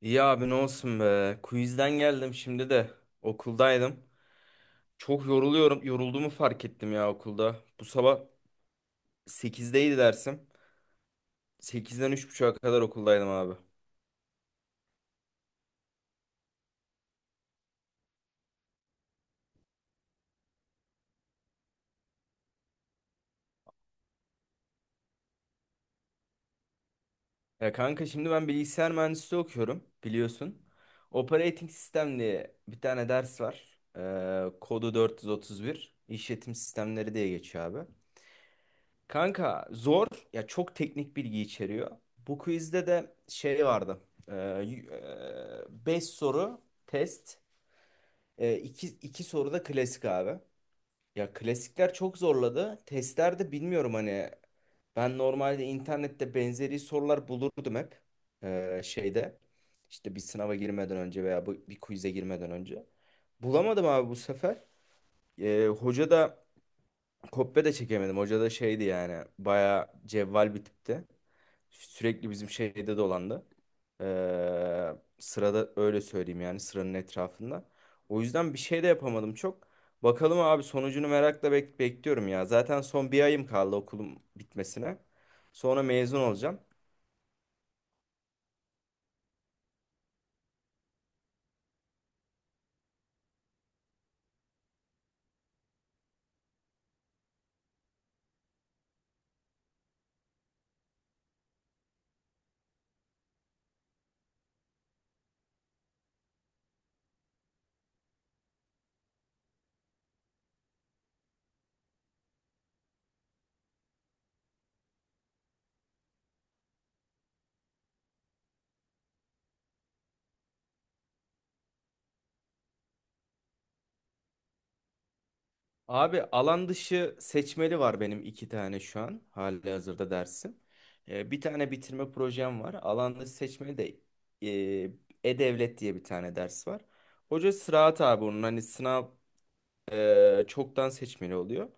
İyi abi, ne olsun be. Quizden geldim şimdi de. Okuldaydım. Çok yoruluyorum. Yorulduğumu fark ettim ya, okulda. Bu sabah sekizdeydi dersim. Sekizden 3.30'a kadar okuldaydım abi. Ya kanka, şimdi ben bilgisayar mühendisliği okuyorum biliyorsun. Operating System diye bir tane ders var. Kodu 431. İşletim sistemleri diye geçiyor abi. Kanka zor ya, çok teknik bilgi içeriyor. Bu quizde de şey vardı, 5 soru test. E, 2 2 soru da klasik abi. Ya klasikler çok zorladı. Testlerde bilmiyorum hani, ben normalde internette benzeri sorular bulurdum hep. Şeyde işte, bir sınava girmeden önce veya bir quiz'e girmeden önce. Bulamadım abi bu sefer. Hoca da, kopya da çekemedim. Hoca da şeydi yani. Bayağı cevval bir tipti. Sürekli bizim şeyde dolandı. Sırada, öyle söyleyeyim yani, sıranın etrafında. O yüzden bir şey de yapamadım çok. Bakalım abi, sonucunu merakla bekliyorum ya. Zaten son bir ayım kaldı okulum bitmesine. Sonra mezun olacağım. Abi alan dışı seçmeli var benim, iki tane şu an hali hazırda dersim. Bir tane bitirme projem var. Alan dışı seçmeli de E-Devlet diye bir tane ders var. Hoca sıraat abi onun, hani sınav çoktan seçmeli oluyor.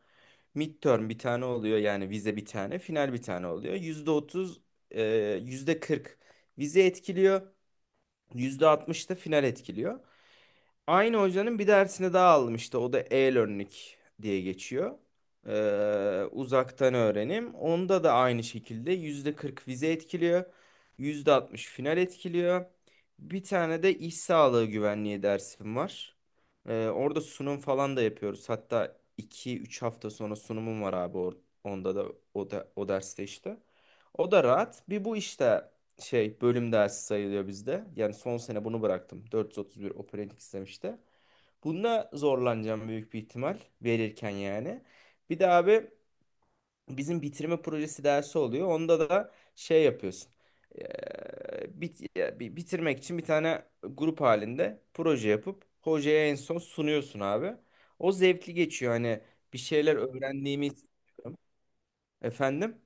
Midterm bir tane oluyor yani, vize bir tane, final bir tane oluyor. %30, e, %40 vize etkiliyor, %60 da final etkiliyor. Aynı hocanın bir dersini daha aldım işte. O da e-learning diye geçiyor. Uzaktan öğrenim. Onda da aynı şekilde %40 vize etkiliyor, %60 final etkiliyor. Bir tane de iş sağlığı güvenliği dersim var. Orada sunum falan da yapıyoruz. Hatta 2-3 hafta sonra sunumum var abi, onda da o derste işte. O da rahat. Bir bu işte şey bölüm dersi sayılıyor bizde. Yani son sene bunu bıraktım. 431 operating sistem işte. Bununla zorlanacağım büyük bir ihtimal verirken yani. Bir de abi, bizim bitirme projesi dersi oluyor. Onda da şey yapıyorsun. Bitirmek için bir tane grup halinde proje yapıp hocaya en son sunuyorsun abi. O zevkli geçiyor. Hani bir şeyler öğrendiğimiz... Efendim?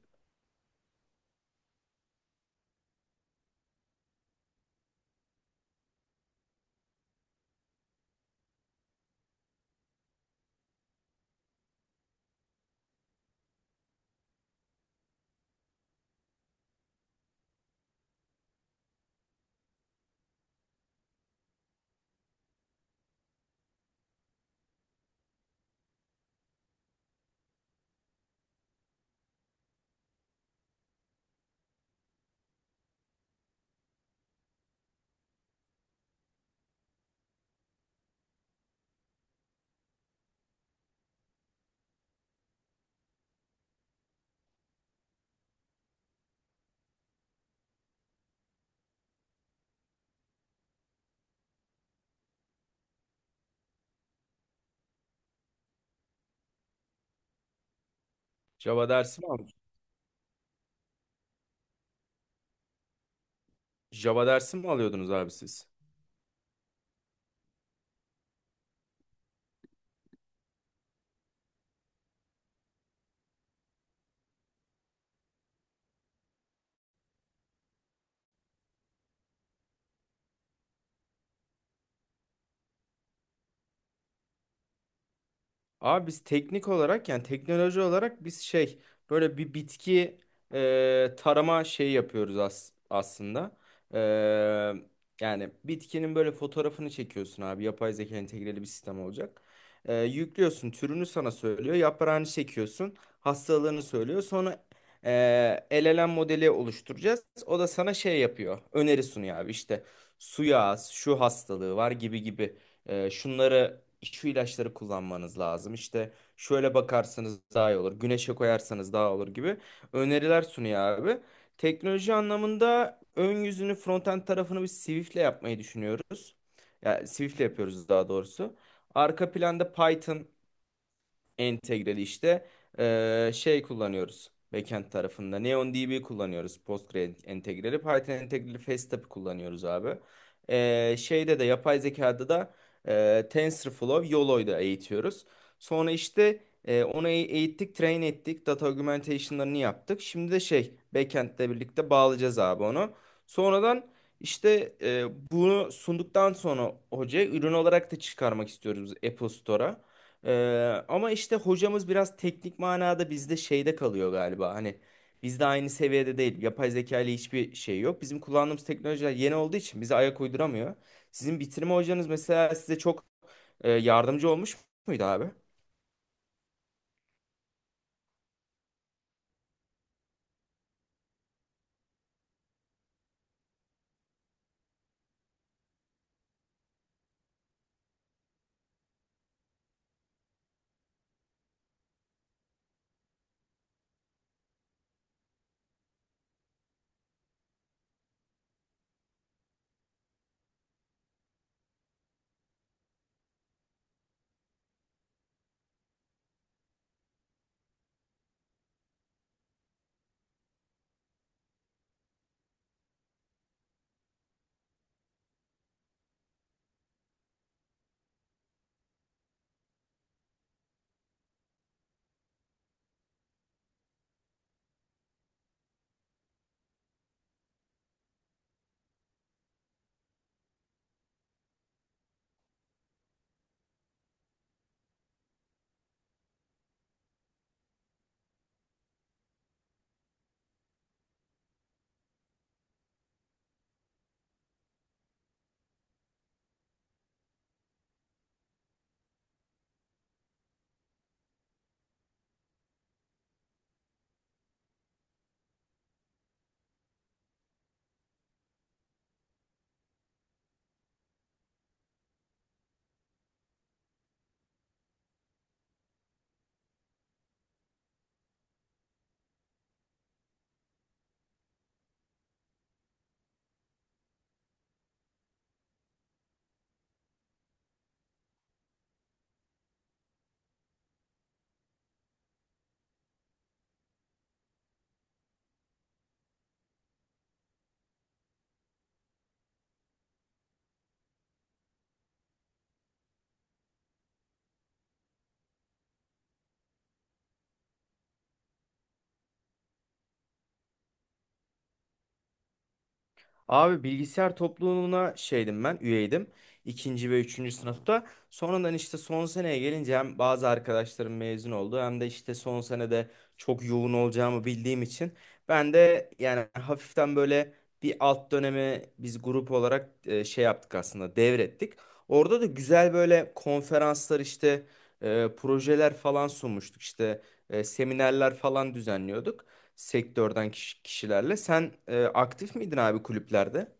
Java dersi mi al- Java dersi mi alıyordunuz abi siz? Abi biz teknik olarak, yani teknoloji olarak biz şey, böyle bir bitki tarama şeyi yapıyoruz aslında. E, yani bitkinin böyle fotoğrafını çekiyorsun abi, yapay zeka entegreli bir sistem olacak. Yüklüyorsun, türünü sana söylüyor, yaprağını çekiyorsun, hastalığını söylüyor. Sonra e, LLM modeli oluşturacağız. O da sana şey yapıyor, öneri sunuyor abi, işte suya az, şu hastalığı var gibi gibi. Şunları, şu ilaçları kullanmanız lazım. İşte şöyle bakarsanız daha iyi olur. Güneşe koyarsanız daha olur gibi öneriler sunuyor abi. Teknoloji anlamında ön yüzünü, frontend tarafını biz Swift'le yapmayı düşünüyoruz. Ya Swift'le yapıyoruz daha doğrusu. Arka planda Python entegreli işte şey kullanıyoruz. Backend tarafında NeonDB kullanıyoruz, Postgre entegreli. Python entegreli Facetap kullanıyoruz abi. Şeyde de, yapay zekada da TensorFlow, YOLO'da eğitiyoruz. Sonra işte onu eğittik, train ettik. Data augmentation'larını yaptık. Şimdi de şey, backend'le birlikte bağlayacağız abi onu. Sonradan işte bunu sunduktan sonra hocaya ürün olarak da çıkarmak istiyoruz Apple Store'a. Ama işte hocamız biraz teknik manada bizde şeyde kalıyor galiba. Hani bizde aynı seviyede değil. Yapay zeka ile hiçbir şey yok. Bizim kullandığımız teknolojiler yeni olduğu için bize ayak uyduramıyor. Sizin bitirme hocanız mesela size çok yardımcı olmuş muydu abi? Abi bilgisayar topluluğuna şeydim ben, üyeydim. İkinci ve üçüncü sınıfta. Sonradan işte son seneye gelince hem bazı arkadaşlarım mezun oldu, hem de işte son senede çok yoğun olacağımı bildiğim için ben de yani hafiften böyle bir alt dönemi biz grup olarak şey yaptık aslında, devrettik. Orada da güzel böyle konferanslar işte, projeler falan sunmuştuk işte, seminerler falan düzenliyorduk sektörden kişilerle. Sen aktif miydin abi kulüplerde?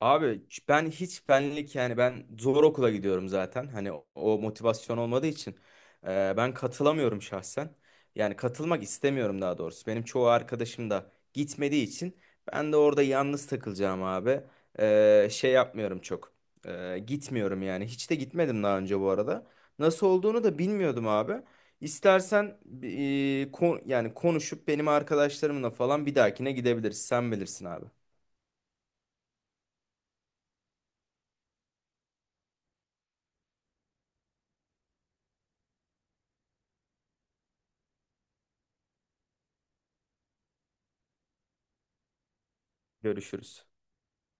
Abi ben hiç benlik yani, ben zor okula gidiyorum zaten. Hani o motivasyon olmadığı için ben katılamıyorum şahsen. Yani katılmak istemiyorum daha doğrusu. Benim çoğu arkadaşım da gitmediği için ben de orada yalnız takılacağım abi. Şey yapmıyorum çok. Gitmiyorum yani. Hiç de gitmedim daha önce bu arada. Nasıl olduğunu da bilmiyordum abi. İstersen yani konuşup benim arkadaşlarımla falan bir dahakine gidebiliriz. Sen bilirsin abi. Görüşürüz.